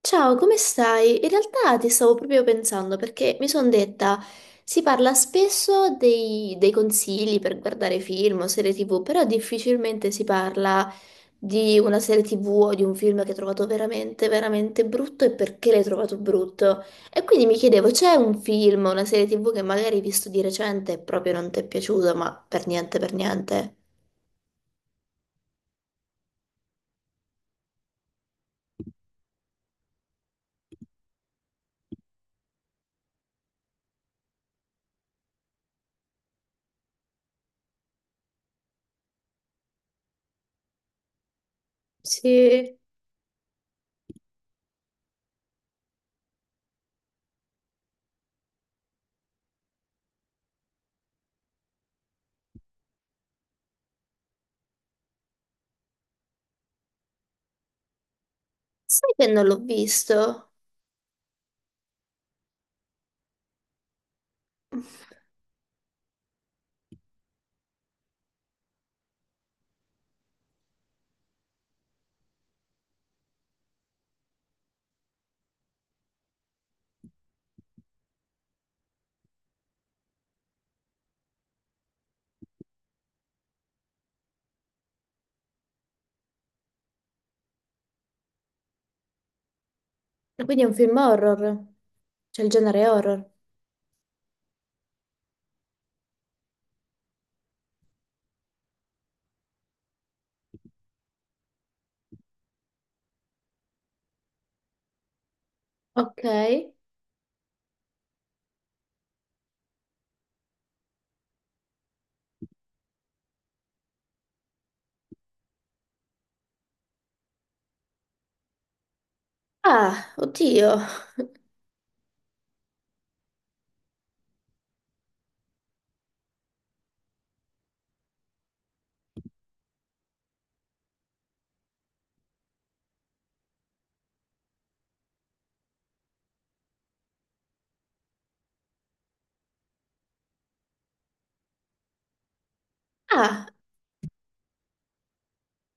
Ciao, come stai? In realtà ti stavo proprio pensando perché mi sono detta, si parla spesso dei consigli per guardare film o serie TV, però difficilmente si parla di una serie TV o di un film che hai trovato veramente, veramente brutto e perché l'hai trovato brutto. E quindi mi chiedevo, c'è un film o una serie TV che magari hai visto di recente e proprio non ti è piaciuto, ma per niente, per niente? Sì. Sai che non l'ho visto? Quindi è un film horror, c'è il genere horror. Ok. Ah, oddio. Ah,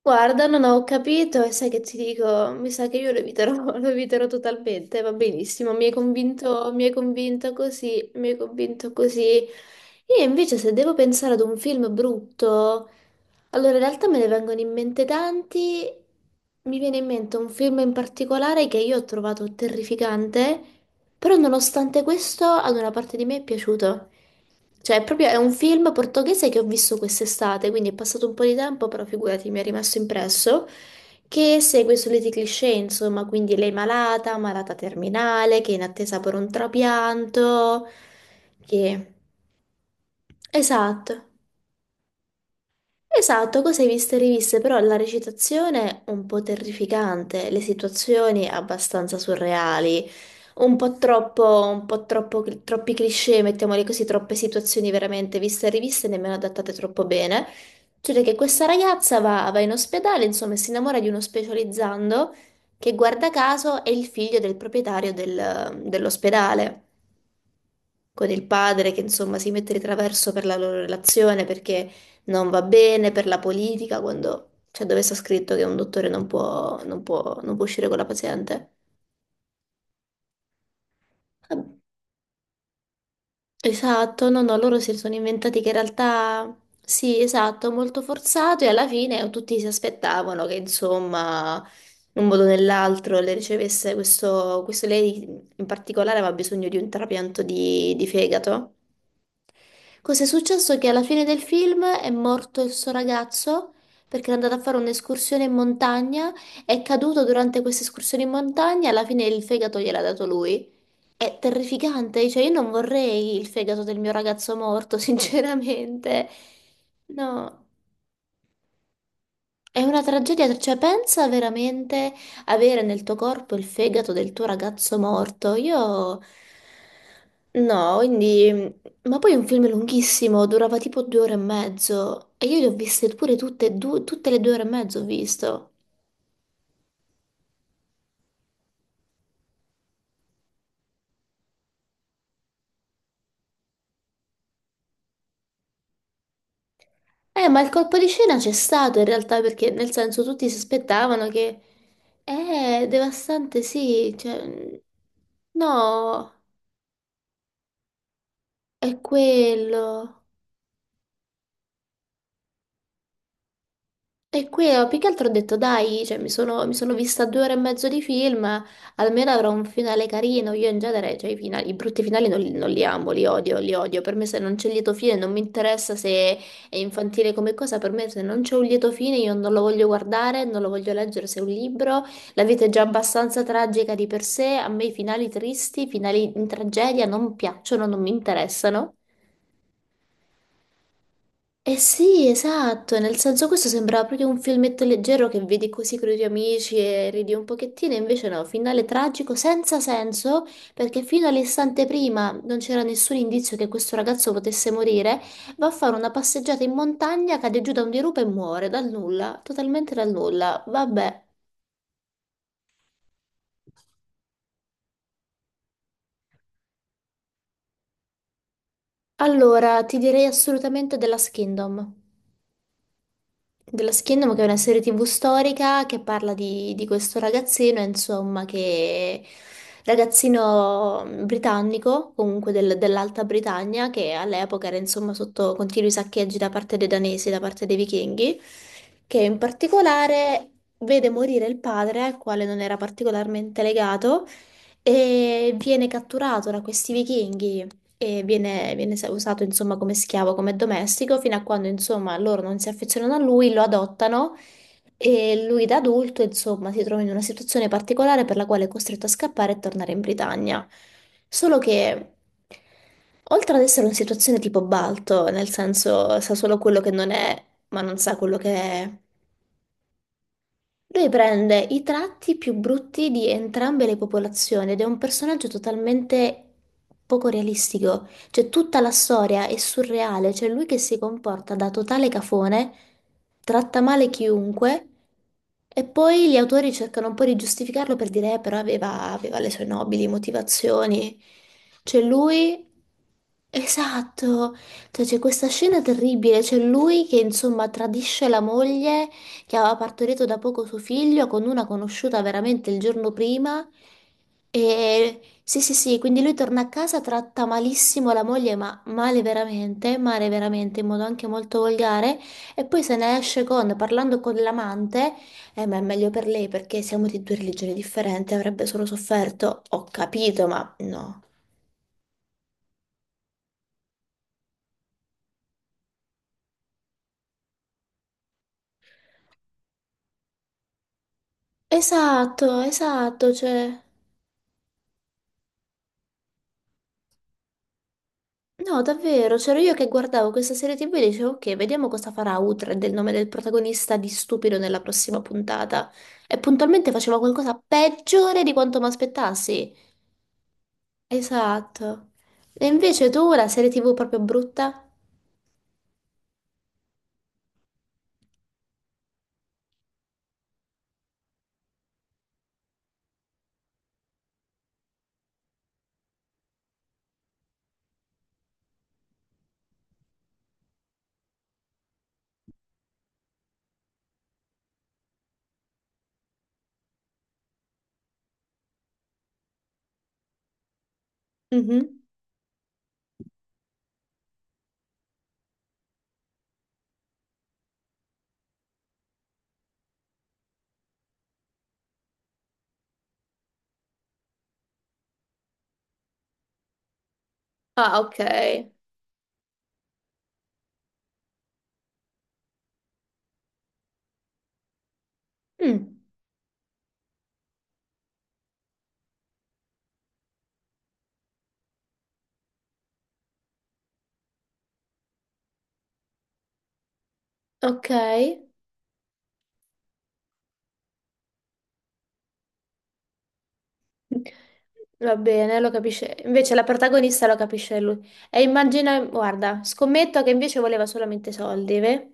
guarda, non ho capito e sai che ti dico, mi sa che io lo eviterò, lo eviterò totalmente, va benissimo, mi hai convinto così, mi hai convinto così. Io invece se devo pensare ad un film brutto, allora, in realtà me ne vengono in mente tanti. Mi viene in mente un film in particolare che io ho trovato terrificante, però nonostante questo ad una parte di me è piaciuto. Cioè, è proprio è un film portoghese che ho visto quest'estate, quindi è passato un po' di tempo, però figurati, mi è rimasto impresso, che segue i soliti cliché, insomma, quindi lei malata, malata terminale, che è in attesa per un trapianto, che... Esatto. Esatto, cose viste e riviste, però la recitazione un po' terrificante, le situazioni abbastanza surreali, un po' troppo, troppi cliché, mettiamoli così, troppe situazioni veramente viste e riviste, nemmeno adattate troppo bene. Cioè che questa ragazza va in ospedale, insomma, e si innamora di uno specializzando che guarda caso è il figlio del proprietario dell'ospedale con il padre che insomma si mette di traverso per la loro relazione perché non va bene, per la politica, quando cioè, dove sta scritto che un dottore non può, non può, non può uscire con la paziente. Ah, esatto, no, no, loro si sono inventati che in realtà sì, esatto, molto forzato e alla fine tutti si aspettavano che insomma in un modo o nell'altro le ricevesse questo, lei in particolare aveva bisogno di un trapianto di fegato. Cos'è successo? Che alla fine del film è morto il suo ragazzo perché era andato a fare un'escursione in montagna, è caduto durante questa escursione in montagna, alla fine il fegato gliel'ha dato lui. È terrificante, cioè io non vorrei il fegato del mio ragazzo morto, sinceramente. No. È una tragedia, cioè pensa veramente avere nel tuo corpo il fegato del tuo ragazzo morto. Io no, quindi ma poi è un film lunghissimo, durava tipo 2 ore e mezzo e io li ho viste pure tutte e due, tutte le 2 ore e mezzo ho visto. Ma il colpo di scena c'è stato in realtà perché nel senso tutti si aspettavano che devastante sì, cioè no, è quello. E qui più che altro ho detto dai, cioè, mi sono vista 2 ore e mezzo di film, almeno avrò un finale carino. Io in genere, cioè, i brutti finali non li amo, li odio, li odio. Per me se non c'è il lieto fine non mi interessa se è infantile come cosa, per me se non c'è un lieto fine io non lo voglio guardare, non lo voglio leggere se è un libro. La vita è già abbastanza tragica di per sé, a me i finali tristi, i finali in tragedia non piacciono, non mi interessano. Eh sì, esatto, nel senso questo sembrava proprio un filmetto leggero che vedi così con i tuoi amici e ridi un pochettino, e invece no, finale tragico senza senso, perché fino all'istante prima non c'era nessun indizio che questo ragazzo potesse morire, va a fare una passeggiata in montagna, cade giù da un dirupo e muore, dal nulla, totalmente dal nulla. Vabbè, allora ti direi assolutamente della Last Kingdom. Dello Kingdom, che è una serie TV storica che parla di questo ragazzino, insomma, che ragazzino britannico, comunque dell'Alta Britannia, che all'epoca era insomma sotto continui saccheggi da parte dei danesi, da parte dei vichinghi, che in particolare vede morire il padre, al quale non era particolarmente legato, e viene catturato da questi vichinghi e viene usato insomma come schiavo, come domestico, fino a quando insomma loro non si affezionano a lui, lo adottano e lui da adulto insomma si trova in una situazione particolare per la quale è costretto a scappare e tornare in Britannia. Solo che oltre ad essere una situazione tipo Balto, nel senso sa solo quello che non è, ma non sa quello che è. Lui prende i tratti più brutti di entrambe le popolazioni ed è un personaggio totalmente poco realistico. Cioè, tutta la storia è surreale. C'è lui che si comporta da totale cafone, tratta male chiunque, e poi gli autori cercano un po' di giustificarlo per dire, però aveva le sue nobili motivazioni. Cioè, lui. Esatto, cioè, c'è questa scena terribile, c'è lui che insomma tradisce la moglie che aveva partorito da poco suo figlio con una conosciuta veramente il giorno prima. E sì, sì, sì, quindi lui torna a casa, tratta malissimo la moglie, ma male veramente, in modo anche molto volgare, e poi se ne esce con, parlando con l'amante, ma è meglio per lei perché siamo di due religioni differenti, avrebbe solo sofferto. Ho capito, ma no. Esatto, esatto, cioè. No, davvero, c'ero io che guardavo questa serie TV e dicevo, ok, vediamo cosa farà Uhtred, il nome del protagonista di stupido nella prossima puntata. E puntualmente faceva qualcosa peggiore di quanto mi aspettassi. Esatto. E invece tu, la serie TV proprio brutta? Mhm. Ah, ok. Mm, ok. Va bene, lo capisce. Invece la protagonista lo capisce lui. E immagina, guarda, scommetto che invece voleva solamente soldi, ve?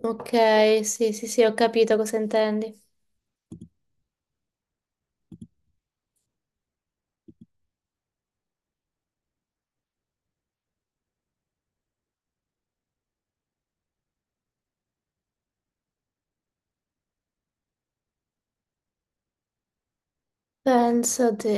Ok, sì, sì, sì, ho capito cosa intendi. Pensa te.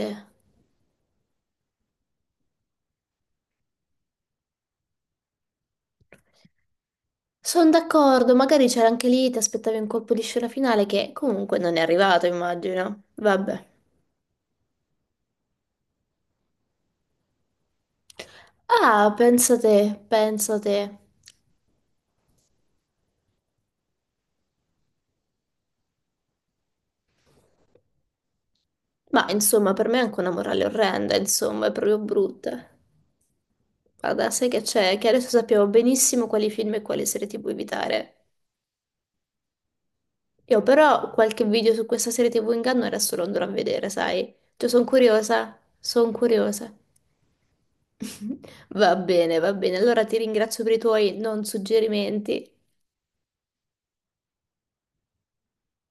Sono d'accordo, magari c'era anche lì, ti aspettavi un colpo di scena finale che comunque non è arrivato, immagino. Vabbè. Ah, pensa te, pensa te. Ma insomma, per me è anche una morale orrenda, insomma, è proprio brutta. Guarda, sai che c'è? Che adesso sappiamo benissimo quali film e quali serie TV evitare. Io però qualche video su questa serie TV inganno adesso lo andrò a vedere, sai? Cioè, sono curiosa, sono curiosa. Va bene, va bene. Allora ti ringrazio per i tuoi non suggerimenti.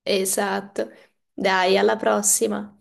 Esatto. Dai, alla prossima.